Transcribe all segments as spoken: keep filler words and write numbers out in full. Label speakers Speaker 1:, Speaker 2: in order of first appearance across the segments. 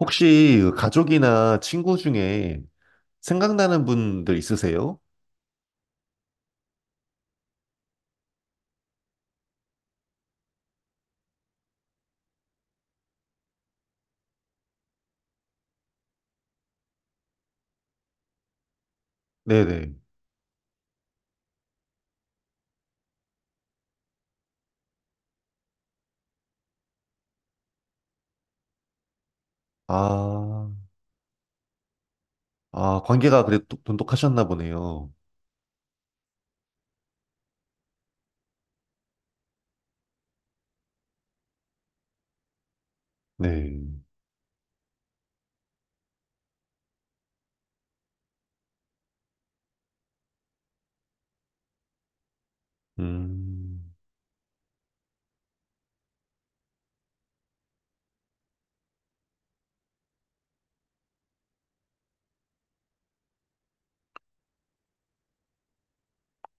Speaker 1: 혹시 그 가족이나 친구 중에 생각나는 분들 있으세요? 네네. 아, 아, 관계가 그래도 똑- 돈독하셨나 보네요. 네. 음,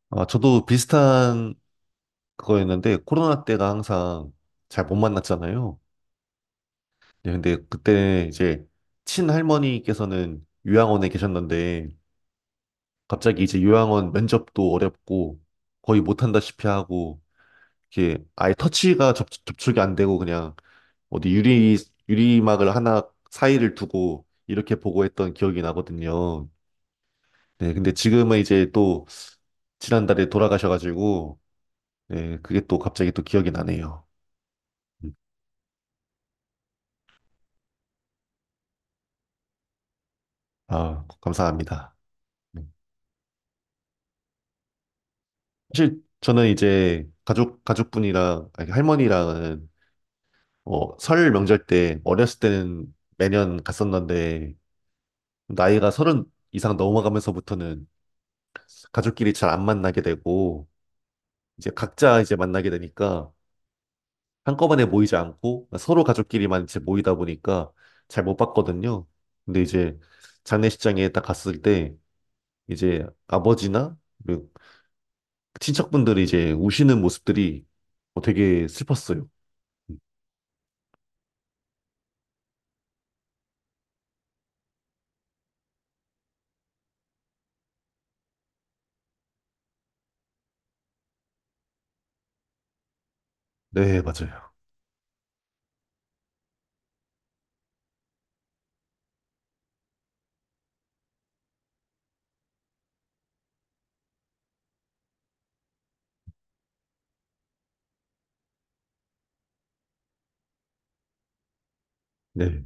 Speaker 1: 아, 저도 비슷한 그거였는데, 코로나 때가 항상 잘 못 만났잖아요. 네, 근데 그때 이제 친할머니께서는 요양원에 계셨는데, 갑자기 이제 요양원 면접도 어렵고, 거의 못한다시피 하고, 이렇게 아예 터치가 접, 접촉이 안 되고 그냥 어디 유리, 유리막을 하나 사이를 두고 이렇게 보고했던 기억이 나거든요. 네, 근데 지금은 이제 또 지난달에 돌아가셔가지고, 네, 그게 또 갑자기 또 기억이 나네요. 음. 아, 감사합니다. 네. 사실 저는 이제 가족, 가족분이랑, 아니, 할머니랑은 어, 설 명절 때 어렸을 때는 매년 갔었는데, 나이가 서른 이상 넘어가면서부터는 가족끼리 잘 안 만나게 되고, 이제 각자 이제 만나게 되니까, 한꺼번에 모이지 않고 서로 가족끼리만 이제 모이다 보니까 잘 못 봤거든요. 근데 이제 장례식장에 딱 갔을 때 이제 아버지나 그 친척분들이 이제 우시는 모습들이 어, 되게 슬펐어요. 네, 맞아요. 네,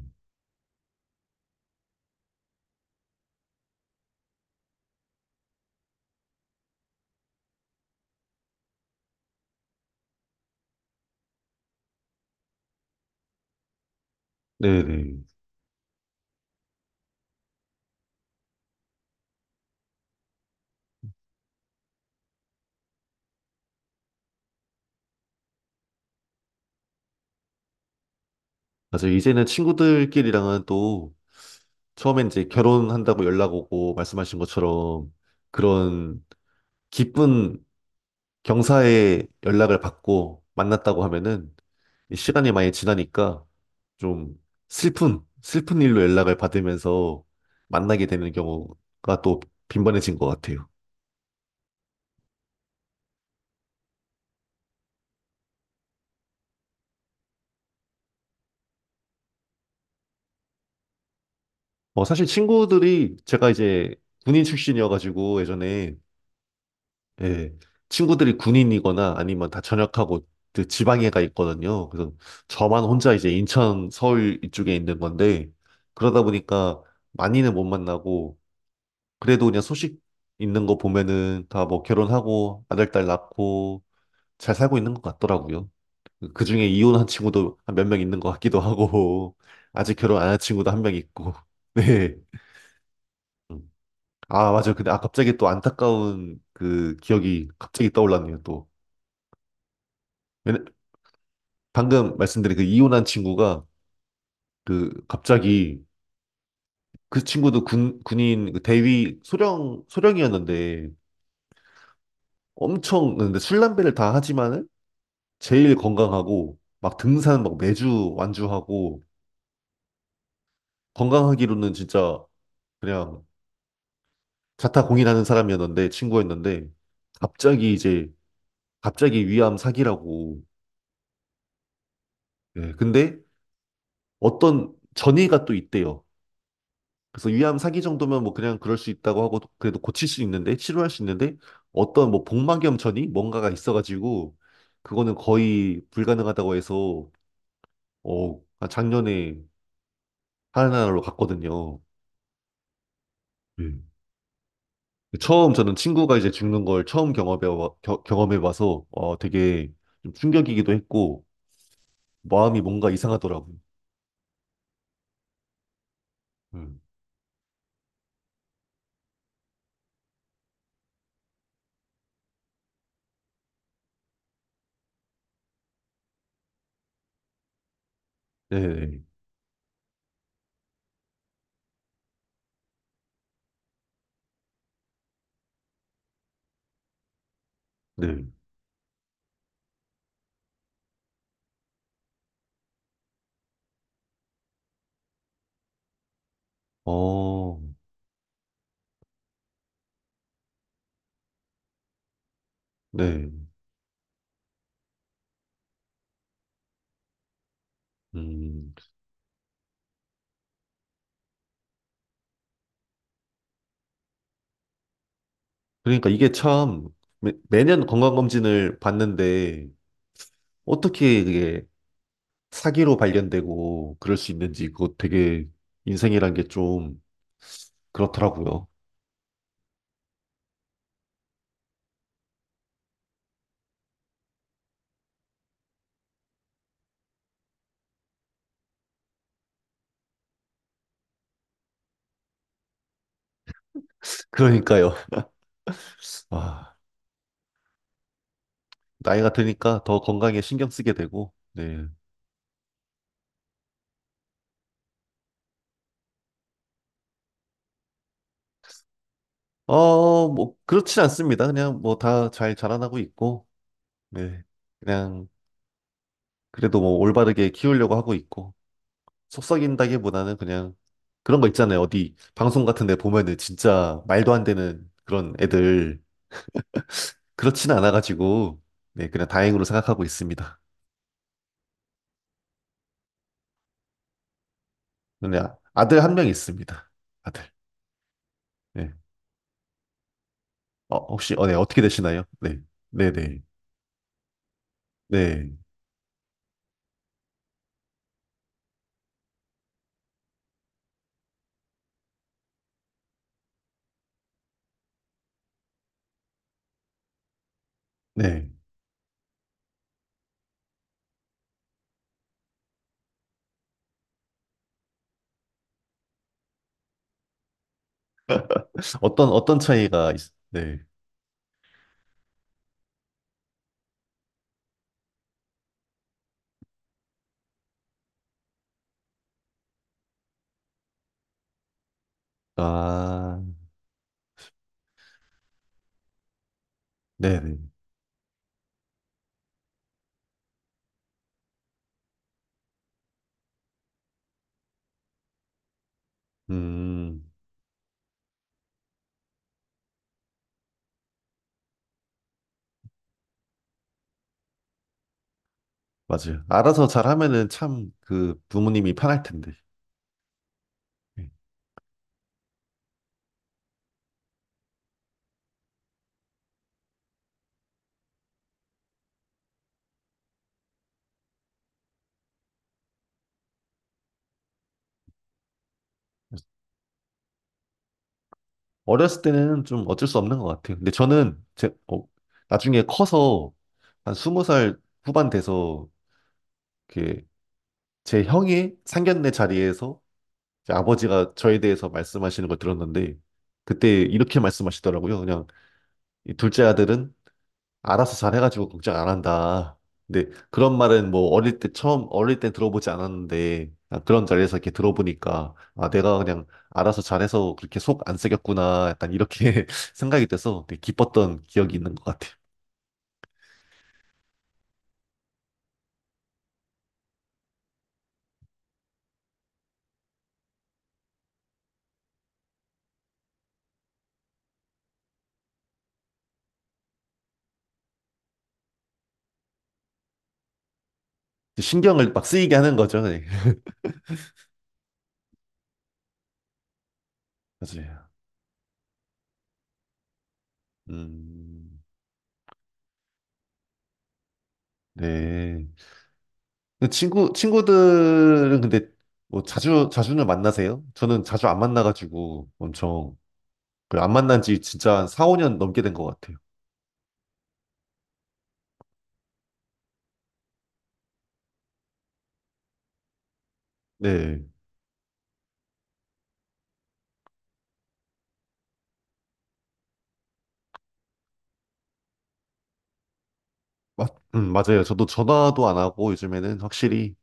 Speaker 1: 네, 네. 맞아요. 이제는 친구들끼리랑은 또 처음엔 이제 결혼한다고 연락 오고 말씀하신 것처럼 그런 기쁜 경사에 연락을 받고 만났다고 하면은 이 시간이 많이 지나니까 좀 슬픈, 슬픈 일로 연락을 받으면서 만나게 되는 경우가 또 빈번해진 것 같아요. 어, 사실 친구들이 제가 이제 군인 출신이어가지고 예전에 예, 친구들이 군인이거나 아니면 다 전역하고 그 지방에 가 있거든요. 그래서 저만 혼자 이제 인천, 서울 이쪽에 있는 건데 그러다 보니까 많이는 못 만나고 그래도 그냥 소식 있는 거 보면은 다 뭐 결혼하고 아들, 딸 낳고 잘 살고 있는 것 같더라고요. 그 중에 이혼한 친구도 한 몇 명 있는 것 같기도 하고, 아직 결혼 안 한 친구도 한 명 있고. 네. 음. 아, 맞아요. 근데 아, 갑자기 또 안타까운 그 기억이 갑자기 떠올랐네요, 또. 왜냐- 방금 말씀드린 그 이혼한 친구가 그 갑자기 그 친구도 군, 군인 그 대위 소령, 소령이었는데 엄청, 근데 술, 담배를 다 하지만은 제일 건강하고 막 등산 막 매주 완주하고 건강하기로는 진짜 그냥 자타 공인하는 사람이었는데 친구였는데 갑자기 이제 갑자기 위암 사기라고. 예. 근데 어떤 전이가 또 있대요. 그래서 위암 사기 정도면 뭐 그냥 그럴 수 있다고 하고 그래도 고칠 수 있는데, 치료할 수 있는데 어떤 뭐 복막염 전이 뭔가가 있어가지고 그거는 거의 불가능하다고 해서 어, 작년에 하나로 갔거든요. 예. 처음 저는 친구가 이제 죽는 걸 처음 경험해 와- 겨- 경험해 봐서 어 되게 좀 충격이기도 했고 마음이 뭔가 이상하더라고요. 음. 네, 네, 어, 네, 음. 그러니까 이게 참 매, 매년 건강검진을 받는데 어떻게 그게 사기로 발견되고 그럴 수 있는지 그거 되게 인생이란 게 좀 그렇더라고요. 그러니까요. 아, 나이가 드니까 더 건강에 신경 쓰게 되고, 네. 어, 뭐, 그렇진 않습니다. 그냥 뭐 다 잘 자라나고 있고, 네. 그냥, 그래도 뭐 올바르게 키우려고 하고 있고, 속썩인다기보다는 그냥 그런 거 있잖아요. 어디 방송 같은 데 보면은 진짜 말도 안 되는 그런 애들, 그렇진 않아가지고, 네, 그냥 다행으로 생각하고 있습니다. 네, 아- 아들 한 명 있습니다. 아들. 네. 어, 혹시, 어, 네, 어떻게 되시나요? 네. 네네. 네. 네. 네. 어떤, 어떤 차이가 있... 네. 아, 네네. 음. 맞아요. 알아서 잘하면은 참 그 부모님이 편할 텐데. 예. 어렸을 때는 좀 어쩔 수 없는 것 같아요. 근데 저는 제, 어, 나중에 커서 한 스무 살 후반 돼서 이렇게 제 형이 상견례 자리에서 이제 아버지가 저에 대해서 말씀하시는 걸 들었는데 그때 이렇게 말씀하시더라고요. 그냥 이 둘째 아들은 알아서 잘해가지고 걱정 안 한다. 근데 그런 말은 뭐 어릴 때 처음 어릴 때 들어보지 않았는데, 아, 그런 자리에서 이렇게 들어보니까 아, 내가 그냥 알아서 잘해서 그렇게 속 안 쓰였구나 약간 이렇게 생각이 돼서 되게 기뻤던 기억이 있는 것 같아요. 신경을 막 쓰이게 하는 거죠. 네. 맞아요. 음, 네. 근데 친구 친구들은 근데 뭐 자주 자주는 만나세요? 저는 자주 안 만나가지고 엄청 그안 만난 지 진짜 한 사, 오 년 넘게 된 것 같아요. 네. 맞, 음, 맞아요. 저도 전화도 안 하고 요즘에는 확실히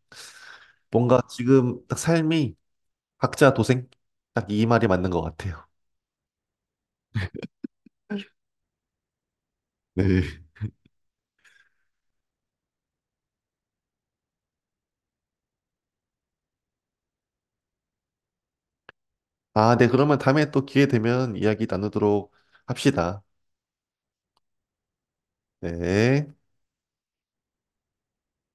Speaker 1: 뭔가 지금 딱 삶이 각자 도생? 딱 이 말이 맞는 것 같아요. 네. 아, 네. 그러면 다음에 또 기회 되면 이야기 나누도록 합시다. 네.